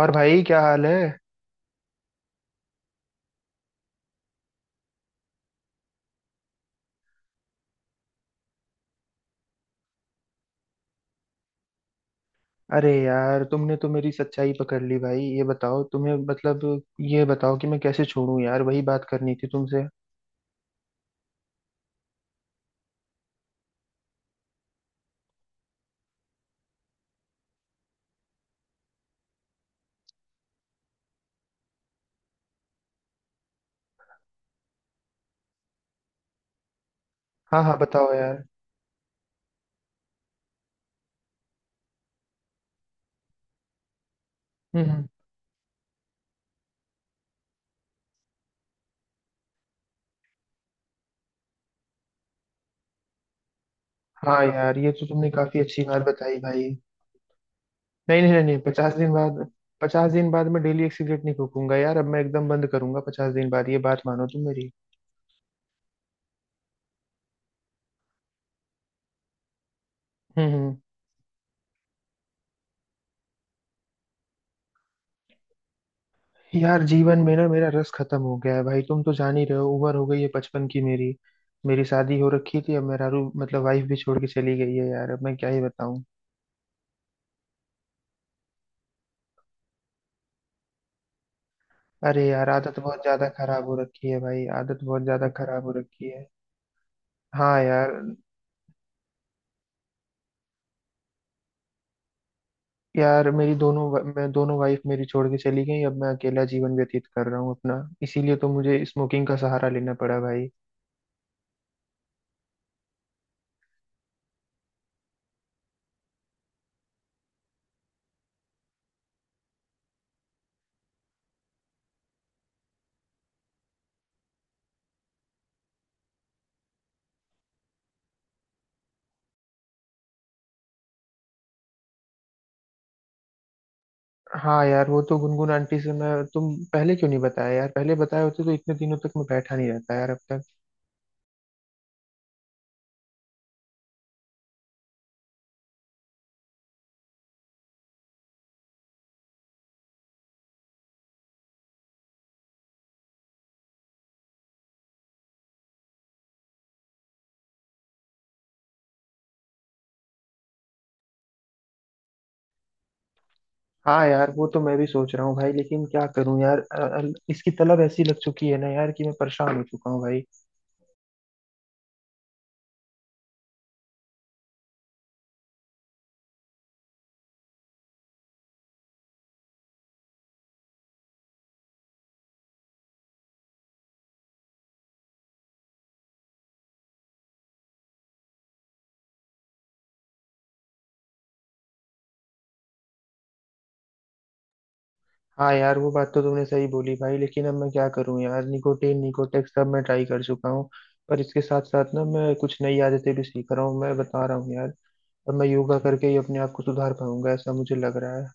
और भाई क्या हाल है। अरे यार तुमने तो मेरी सच्चाई पकड़ ली भाई। ये बताओ तुम्हें मतलब ये बताओ कि मैं कैसे छोड़ूं यार। वही बात करनी थी तुमसे। हाँ हाँ बताओ यार। हम्म हम्म। हाँ यार ये तो तुमने काफी अच्छी बात बताई भाई। नहीं नहीं नहीं, नहीं 50 दिन बाद। 50 दिन बाद मैं डेली एक सिगरेट नहीं फूकूंगा यार। अब मैं एकदम बंद करूंगा 50 दिन बाद। ये बात मानो तुम मेरी। हम्म। यार जीवन में ना मेरा रस खत्म हो गया है भाई। तुम तो जान ही रहे हो, उम्र हो गई है बचपन की मेरी। मेरी शादी हो रखी थी। अब मेरा रू मतलब वाइफ भी छोड़ के चली गई है यार। अब मैं क्या ही बताऊं। अरे यार आदत बहुत ज्यादा खराब हो रखी है भाई। आदत बहुत ज्यादा खराब हो रखी है। हाँ यार। यार मैं दोनों वाइफ मेरी छोड़ के चली गई। अब मैं अकेला जीवन व्यतीत कर रहा हूँ अपना। इसीलिए तो मुझे स्मोकिंग का सहारा लेना पड़ा भाई। हाँ यार वो तो गुनगुन आंटी से मैं तुम पहले क्यों नहीं बताया यार। पहले बताए होते तो इतने दिनों तक मैं बैठा नहीं रहता यार अब तक। हाँ यार वो तो मैं भी सोच रहा हूँ भाई। लेकिन क्या करूँ यार, इसकी तलब ऐसी लग चुकी है ना यार कि मैं परेशान हो चुका हूँ भाई। हाँ यार वो बात तो तुमने सही बोली भाई। लेकिन अब मैं क्या करूँ यार। निकोटीन, निकोटेक्स सब मैं ट्राई कर चुका हूँ। पर इसके साथ साथ ना मैं कुछ नई आदतें भी सीख रहा हूँ। मैं बता रहा हूँ यार, अब मैं योगा करके ही अपने आप को सुधार पाऊंगा ऐसा मुझे लग रहा है।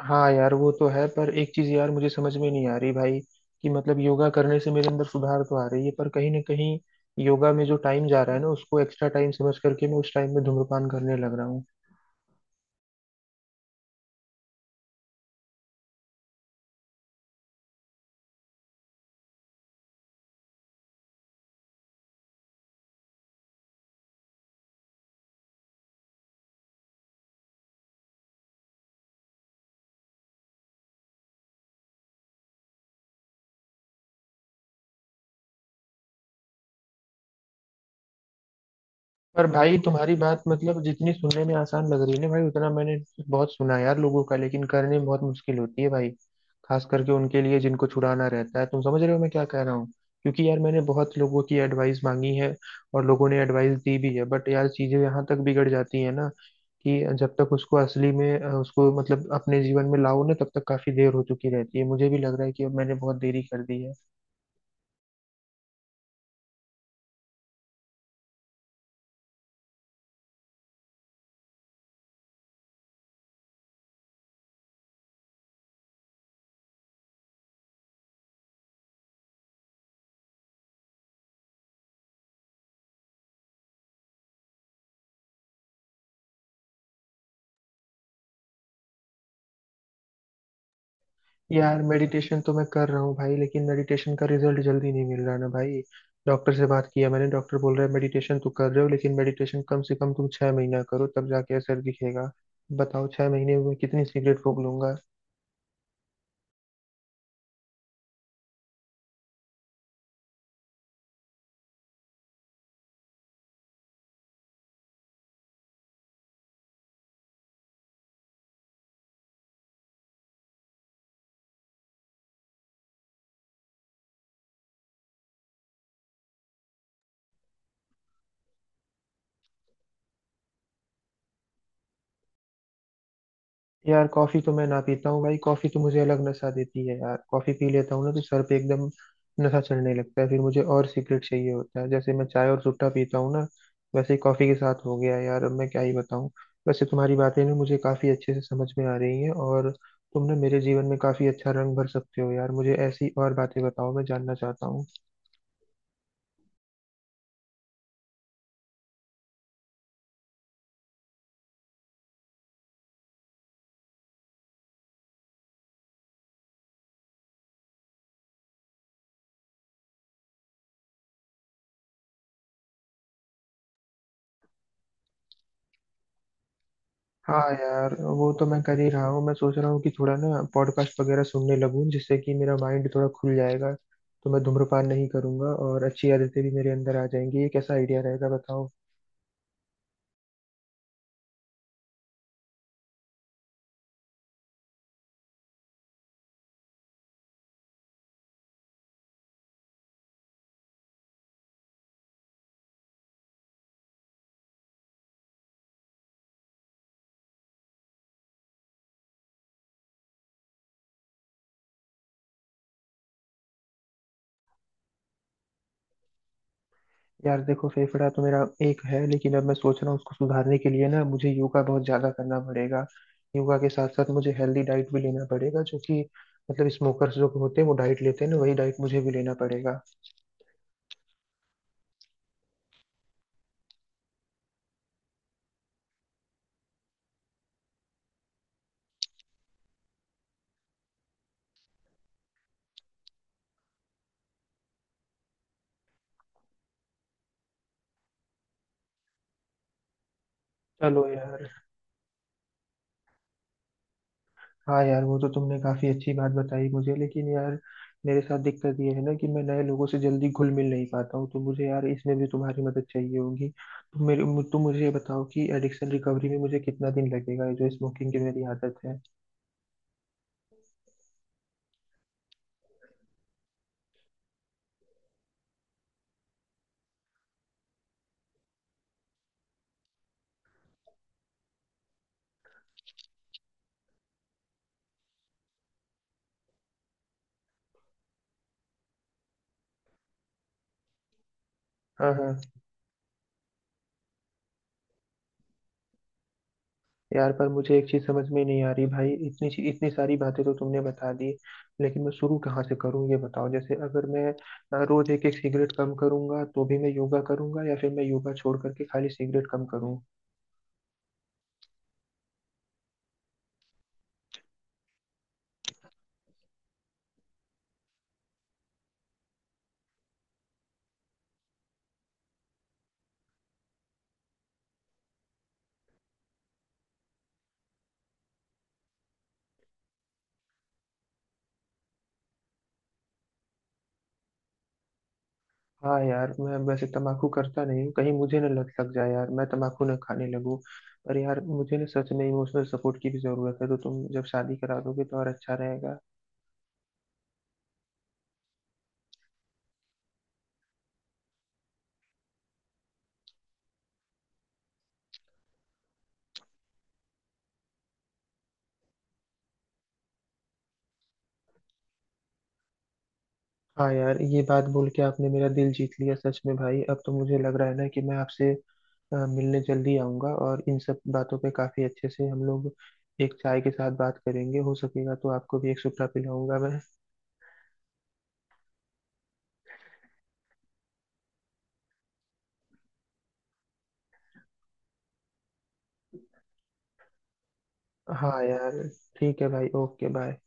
हाँ यार वो तो है। पर एक चीज यार मुझे समझ में नहीं आ रही भाई, कि मतलब योगा करने से मेरे अंदर सुधार तो आ रही है, पर कहीं ना कहीं योगा में जो टाइम जा रहा है ना उसको एक्स्ट्रा टाइम समझ करके मैं उस टाइम में धूम्रपान करने लग रहा हूँ। पर भाई तुम्हारी बात मतलब जितनी सुनने में आसान लग रही है ना भाई, उतना मैंने बहुत सुना है यार लोगों का। लेकिन करने में बहुत मुश्किल होती है भाई, खास करके उनके लिए जिनको छुड़ाना रहता है। तुम समझ रहे हो मैं क्या कह रहा हूँ। क्योंकि यार मैंने बहुत लोगों की एडवाइस मांगी है और लोगों ने एडवाइस दी भी है, बट यार चीजें यहाँ तक बिगड़ जाती है ना कि जब तक उसको असली में उसको मतलब अपने जीवन में लाओ ना, तब तक काफी देर हो चुकी रहती है। मुझे भी लग रहा है कि अब मैंने बहुत देरी कर दी है। यार मेडिटेशन तो मैं कर रहा हूँ भाई, लेकिन मेडिटेशन का रिजल्ट जल्दी नहीं मिल रहा ना भाई। डॉक्टर से बात किया मैंने, डॉक्टर बोल रहा है मेडिटेशन तो कर रहे हो लेकिन मेडिटेशन कम से कम तुम 6 महीना करो तब जाके असर दिखेगा। बताओ 6 महीने में कितनी सिगरेट फूक लूंगा। यार कॉफी तो मैं ना पीता हूँ भाई। कॉफी तो मुझे अलग नशा देती है यार। कॉफी पी लेता हूँ ना तो सर पे एकदम नशा चढ़ने लगता है, फिर मुझे और सिगरेट चाहिए होता है। जैसे मैं चाय और सुट्टा पीता हूँ ना, वैसे ही कॉफी के साथ हो गया यार। अब मैं क्या ही बताऊँ। वैसे तुम्हारी बातें ना मुझे काफी अच्छे से समझ में आ रही हैं, और तुम ना मेरे जीवन में काफी अच्छा रंग भर सकते हो यार। मुझे ऐसी और बातें बताओ, मैं जानना चाहता हूँ। हाँ यार वो तो मैं कर ही रहा हूँ। मैं सोच रहा हूँ कि थोड़ा ना पॉडकास्ट वगैरह सुनने लगूं, जिससे कि मेरा माइंड थोड़ा खुल जाएगा। तो मैं धूम्रपान नहीं करूंगा और अच्छी आदतें भी मेरे अंदर आ जाएंगी। ये कैसा आइडिया रहेगा बताओ। यार देखो, फेफड़ा तो मेरा एक है, लेकिन अब मैं सोच रहा हूँ उसको सुधारने के लिए ना मुझे योगा बहुत ज्यादा करना पड़ेगा। योगा के साथ साथ मुझे हेल्दी डाइट भी लेना पड़ेगा, जो कि मतलब स्मोकर्स जो होते हैं वो डाइट लेते हैं ना, वही डाइट मुझे भी लेना पड़ेगा। चलो यार। हाँ यार वो तो तुमने काफी अच्छी बात बताई मुझे, लेकिन यार मेरे साथ दिक्कत ये है ना कि मैं नए लोगों से जल्दी घुल मिल नहीं पाता हूँ। तो मुझे यार इसमें भी तुम्हारी मदद चाहिए होगी। तुम तुम मुझे ये बताओ कि एडिक्शन रिकवरी में मुझे कितना दिन लगेगा, ये जो स्मोकिंग की मेरी आदत है। हाँ हाँ। यार पर मुझे एक चीज समझ में नहीं आ रही भाई, इतनी सारी बातें तो तुमने बता दी लेकिन मैं शुरू कहाँ से करूँ ये बताओ। जैसे अगर मैं, रोज एक एक सिगरेट कम करूंगा, तो भी मैं योगा करूंगा या फिर मैं योगा छोड़ करके खाली सिगरेट कम। हाँ यार मैं वैसे तमाकू करता नहीं हूँ, कहीं मुझे ना लत लग जाए यार, मैं तमाकू ना खाने लगूँ। पर यार मुझे ना सच में इमोशनल सपोर्ट की भी जरूरत है, तो तुम जब शादी करा दोगे तो और अच्छा रहेगा। हाँ यार ये बात बोल के आपने मेरा दिल जीत लिया सच में भाई। अब तो मुझे लग रहा है ना कि मैं आपसे मिलने जल्दी आऊंगा, और इन सब बातों पे काफी अच्छे से हम लोग एक चाय के साथ बात करेंगे। हो सकेगा तो आपको भी एक सुपड़ा पिलाऊंगा मैं। हाँ यार। ठीक है भाई, ओके बाय।